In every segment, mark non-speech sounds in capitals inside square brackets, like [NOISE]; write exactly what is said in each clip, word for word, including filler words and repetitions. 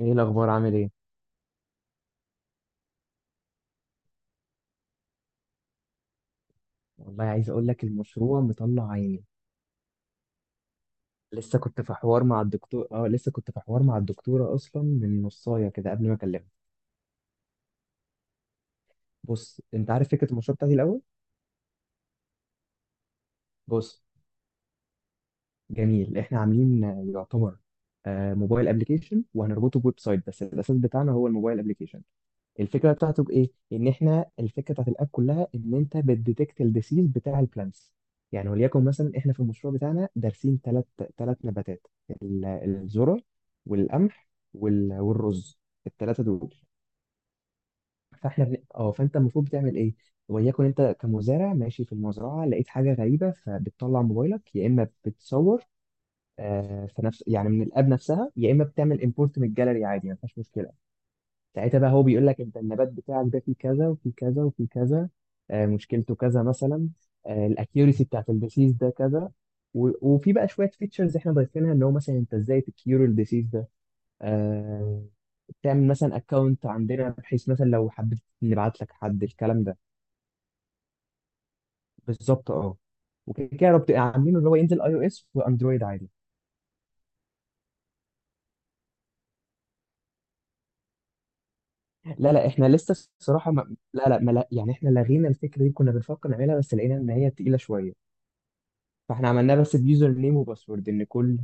ايه الاخبار؟ عامل ايه؟ والله، عايز اقول لك المشروع مطلع عيني. لسه كنت في حوار مع الدكتور اه لسه كنت في حوار مع الدكتوره اصلا من نصايه كده قبل ما اكلمها. بص، انت عارف فكره المشروع بتاعتي الاول؟ بص، جميل، احنا عاملين آه، يعتبر آه، موبايل ابلكيشن وهنربطه بويب سايت، بس الاساس بتاعنا هو الموبايل ابلكيشن. الفكره بتاعته بايه؟ ان احنا الفكره بتاعت الاب كلها ان انت بتديتكت الديسيز بتاع البلانتس. يعني وليكن مثلا احنا في المشروع بتاعنا دارسين ثلاث ثلاث نباتات، ال- الذره والقمح وال- والرز، الثلاثه دول. فاحنا بن... اه فانت المفروض بتعمل ايه؟ وليكن انت كمزارع ماشي في المزرعه، لقيت حاجه غريبه، فبتطلع موبايلك، يا اما بتصور، آه، في نفس يعني، من الاب نفسها، يا اما بتعمل امبورت من الجاليري عادي، ما فيهاش مشكله. ساعتها بقى هو بيقول لك انت النبات بتاعك ده فيه كذا وفيه كذا وفيه كذا، آه، مشكلته كذا مثلا، الاكيورسي بتاعت الديسيز ده كذا. و- وفي بقى شويه فيتشرز احنا ضايفينها، ان هو مثلا انت ازاي تكيور الديسيز ده، آه، تعمل مثلا اكونت عندنا بحيث مثلا لو حبيت نبعت لك حد الكلام ده. بالظبط، اه وكده كده ربط- عاملينه ان هو ينزل اي او اس واندرويد عادي. لا لا، احنا لسه، الصراحه ما... لا لا ما... لا يعني، احنا لغينا الفكره دي، كنا بنفكر نعملها بس لقينا ان هي تقيله شويه. فاحنا عملناه بس بيوزر نيم وباسورد، ان كل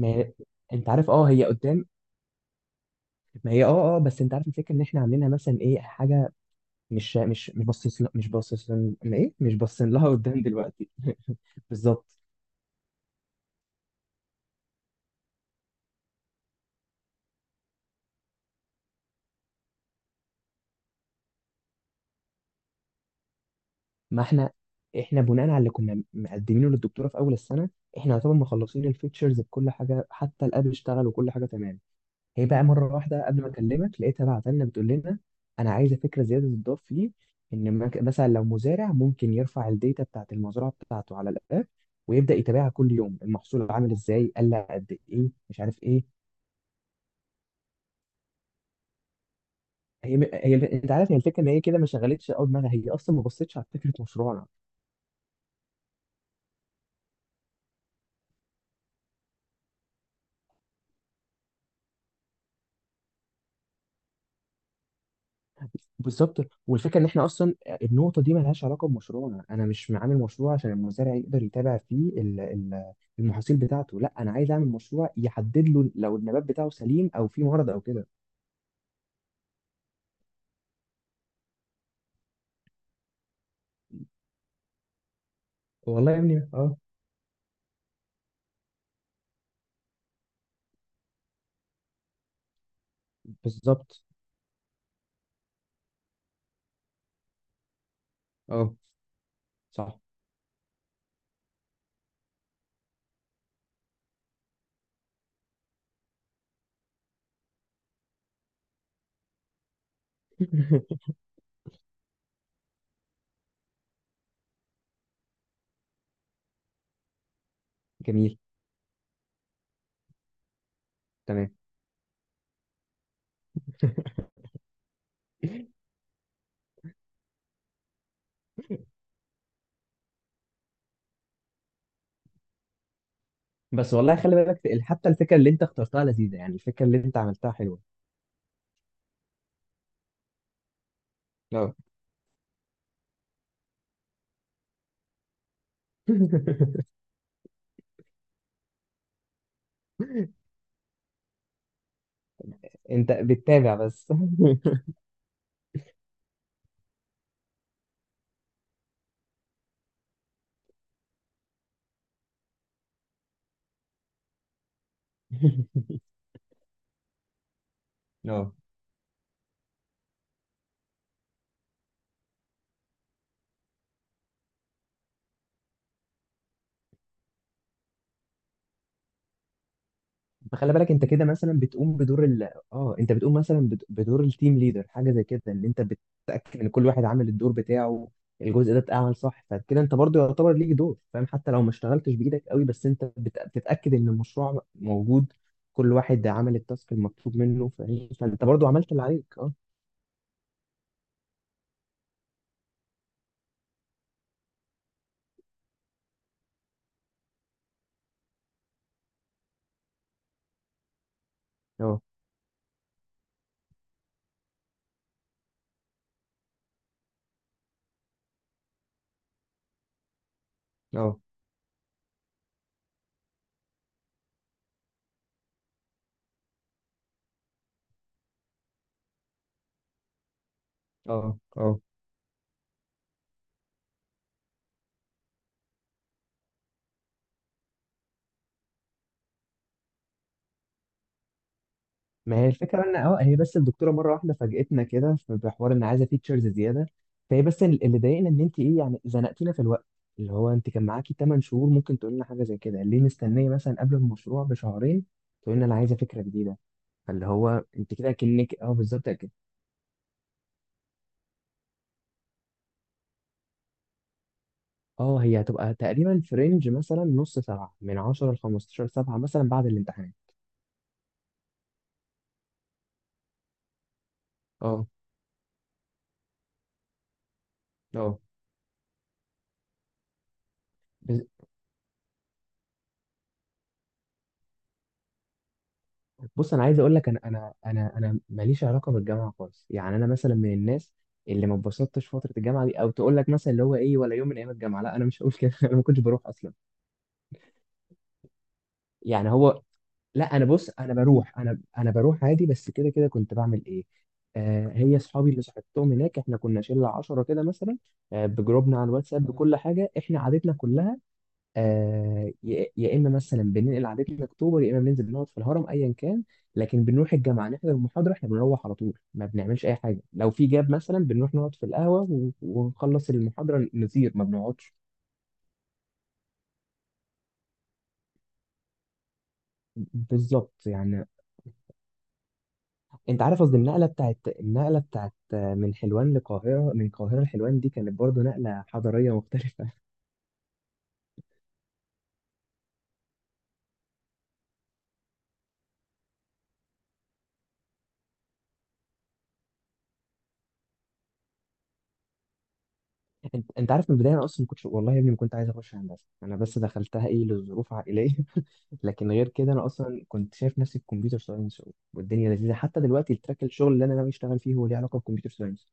ما هي... انت عارف، اه هي قدام. ما هي، اه اه بس انت عارف الفكره، ان احنا عاملينها مثلا ايه حاجه، مش مش مش باصص ل- مش باصص ل- ايه مش باصين لها قدام دلوقتي. [LAUGHS] بالظبط. ما احنا احنا بناء على اللي كنا مقدمينه للدكتوره في اول السنه، احنا يعتبر مخلصين الفيتشرز بكل حاجه، حتى الاب اشتغل وكل حاجه تمام. هي بقى مرة واحدة قبل ما أكلمك لقيتها بعت لنا بتقول لنا أنا عايزة فكرة زيادة تضاف فيه، إن مك- مثلا لو مزارع ممكن يرفع الداتا بتاعة المزرعة بتاعته على الآب، ويبدأ يتابعها كل يوم، المحصول عامل إزاي، قل قد إيه، مش عارف إيه. هي, هي أنت عارف، هي الفكرة إن هي كده ما شغلتش أول دماغها، هي أصلا ما بصتش على فكرة مشروعنا. بالظبط. والفكره ان احنا اصلا، النقطه دي ملهاش علاقه بمشروعنا، انا مش عامل مشروع عشان المزارع يقدر يتابع فيه ال- ال- المحاصيل بتاعته، لا انا عايز اعمل مشروع يحدد له لو النبات بتاعه سليم او فيه مرض او كده. والله يا ابني، اه. بالظبط، اه. صح. [LAUGHS] جميل، تمام. بس والله خلي بالك، ال- حتى الفكره اللي انت اخترتها لذيذه، يعني الفكره اللي انت عملتها حلوه. اه. [LAUGHS] انت بتتابع بس. [LAUGHS] اه. فخلي بالك، انت كده مثلا بتقوم بدور ال اه انت بتقوم مثلا بد- بدور التيم ليدر، حاجه زي كده، ان انت بتتاكد ان كل واحد عامل الدور بتاعه، الجزء ده اتعمل صح، فكده انت برضو يعتبر ليك دور، فاهم؟ حتى لو ما اشتغلتش بايدك قوي، بس انت بت- بتتاكد ان المشروع موجود، كل واحد عمل التاسك المطلوب منه، فاهم؟ فانت برضو عملت اللي عليك، اه. اه، اه، اه، اه. ما هي الفكره ان، اه هي بس الدكتوره مره واحده فاجئتنا كده في بحوار ان عايزه فيتشرز زياده. فهي بس، ال- اللي ضايقنا ان انت ايه، يعني زنقتينا في الوقت، اللي هو انت كان معاكي 8 شهور، ممكن تقول لنا حاجه زي كده، ليه مستنيه مثلا قبل المشروع بشهرين تقول لنا انا عايزه فكره جديده؟ فاللي هو انت كده كأنك، اه بالظبط كده. اه، هي هتبقى تقريبا في رينج، مثلا نص سبعه من عشرة ل خمسة عشر سبعه مثلا بعد الامتحان. اه، اه. بص، انا عايز اقول لك، انا انا انا انا ماليش علاقه بالجامعه خالص، يعني انا مثلا من الناس اللي ما اتبسطتش فتره الجامعه دي، او تقول لك مثلا اللي هو ايه ولا يوم من ايام الجامعه، لا انا مش هقول كده. [LAUGHS] انا ما كنتش بروح اصلا، يعني هو. لا انا، بص انا بروح، انا انا بروح عادي، بس كده كده كنت بعمل ايه؟ آه، هي اصحابي اللي صاحبتهم هناك، احنا كنا شله عشرة كده مثلا، آه، بجروبنا على الواتساب بكل حاجه، احنا عادتنا كلها. آه، يا يا اما مثلا بننقل عادتنا اكتوبر، يا اما بننزل نقعد في الهرم، ايا كان. لكن بنروح الجامعه نحضر المحاضره، احنا بنروح على طول، ما بنعملش اي حاجه، لو في جاب مثلا بنروح نقعد في القهوه، و- ونخلص المحاضره نطير، ما بنقعدش. بالظبط يعني. انت عارف قصدي، النقله بتاعت النقله بتاعت من حلوان لقاهره، من القاهره لحلوان، دي كانت برضو نقله حضاريه مختلفه. انت انت عارف من البدايه، انا اصلا ما كنتش والله يا ابني ما كنت عايز اخش هندسه، انا بس دخلتها ايه لظروف عائليه. [LAUGHS] لكن غير كده، انا اصلا كنت شايف نفسي في كمبيوتر ساينس، والدنيا لذيذه، حتى دلوقتي التراك، الشغل اللي انا ناوي اشتغل فيه هو ليه علاقه بالكمبيوتر ساينس.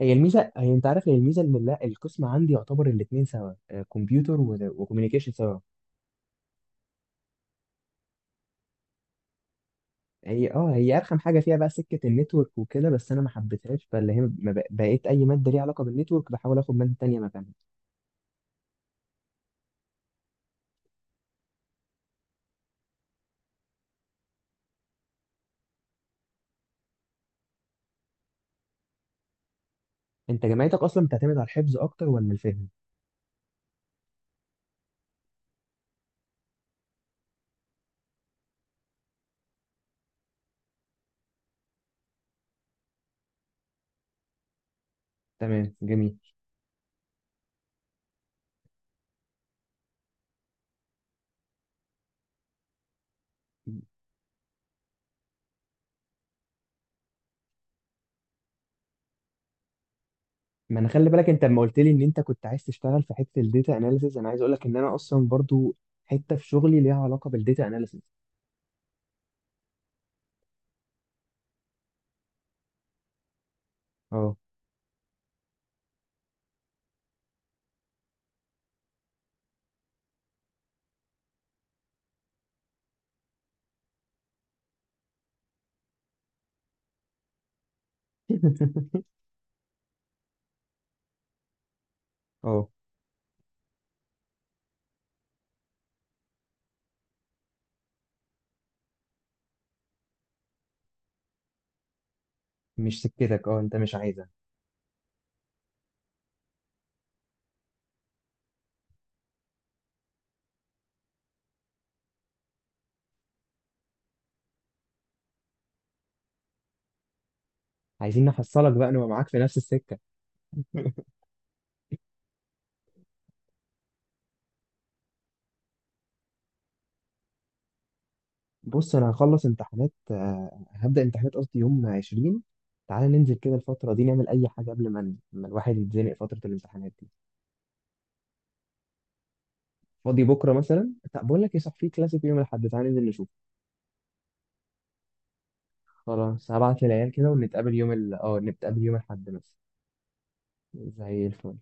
هي الميزه، هي انت عارف، هي الميزه ان، لا، القسم عندي يعتبر الاثنين سوا، آه، كمبيوتر وكوميونيكيشن سوا. هي اه هي ارخم حاجه فيها بقى سكه النتورك وكده، بس انا ما حبيتهاش، فاللي هي ما بق- بقيت اي ماده ليها علاقه بالنتورك بحاول اخد ماده تانيه مكانها. انت جامعتك اصلا بتعتمد على الحفظ اكتر ولا الفهم؟ تمام، جميل. ما انا خلي بالك، انت لما قلت لي ان انت كنت عايز تشتغل في حته الداتا اناليسز، انا عايز اقول لك ان انا اصلا برضو حته في شغلي ليها علاقه بالداتا اناليسز. اه. [LAUGHS] اه، مش سكتك، اه، انت مش عايزها. عايزين نحصلك بقى، نبقى معاك في نفس السكه. [LAUGHS] بص، انا هخلص امتحانات آه، هبدا امتحانات، قصدي، يوم عشرين. تعالى ننزل كده الفتره دي نعمل اي حاجه، قبل ما ما الواحد يتزنق فتره الامتحانات دي. فاضي بكره مثلا؟ طب بقول لك ايه، صح، في كلاسيك يوم الاحد، تعالى ننزل نشوف. خلاص، هبعت للعيال كده، ونتقابل يوم ال... اه نتقابل يوم الاحد مثلا. زي الفل.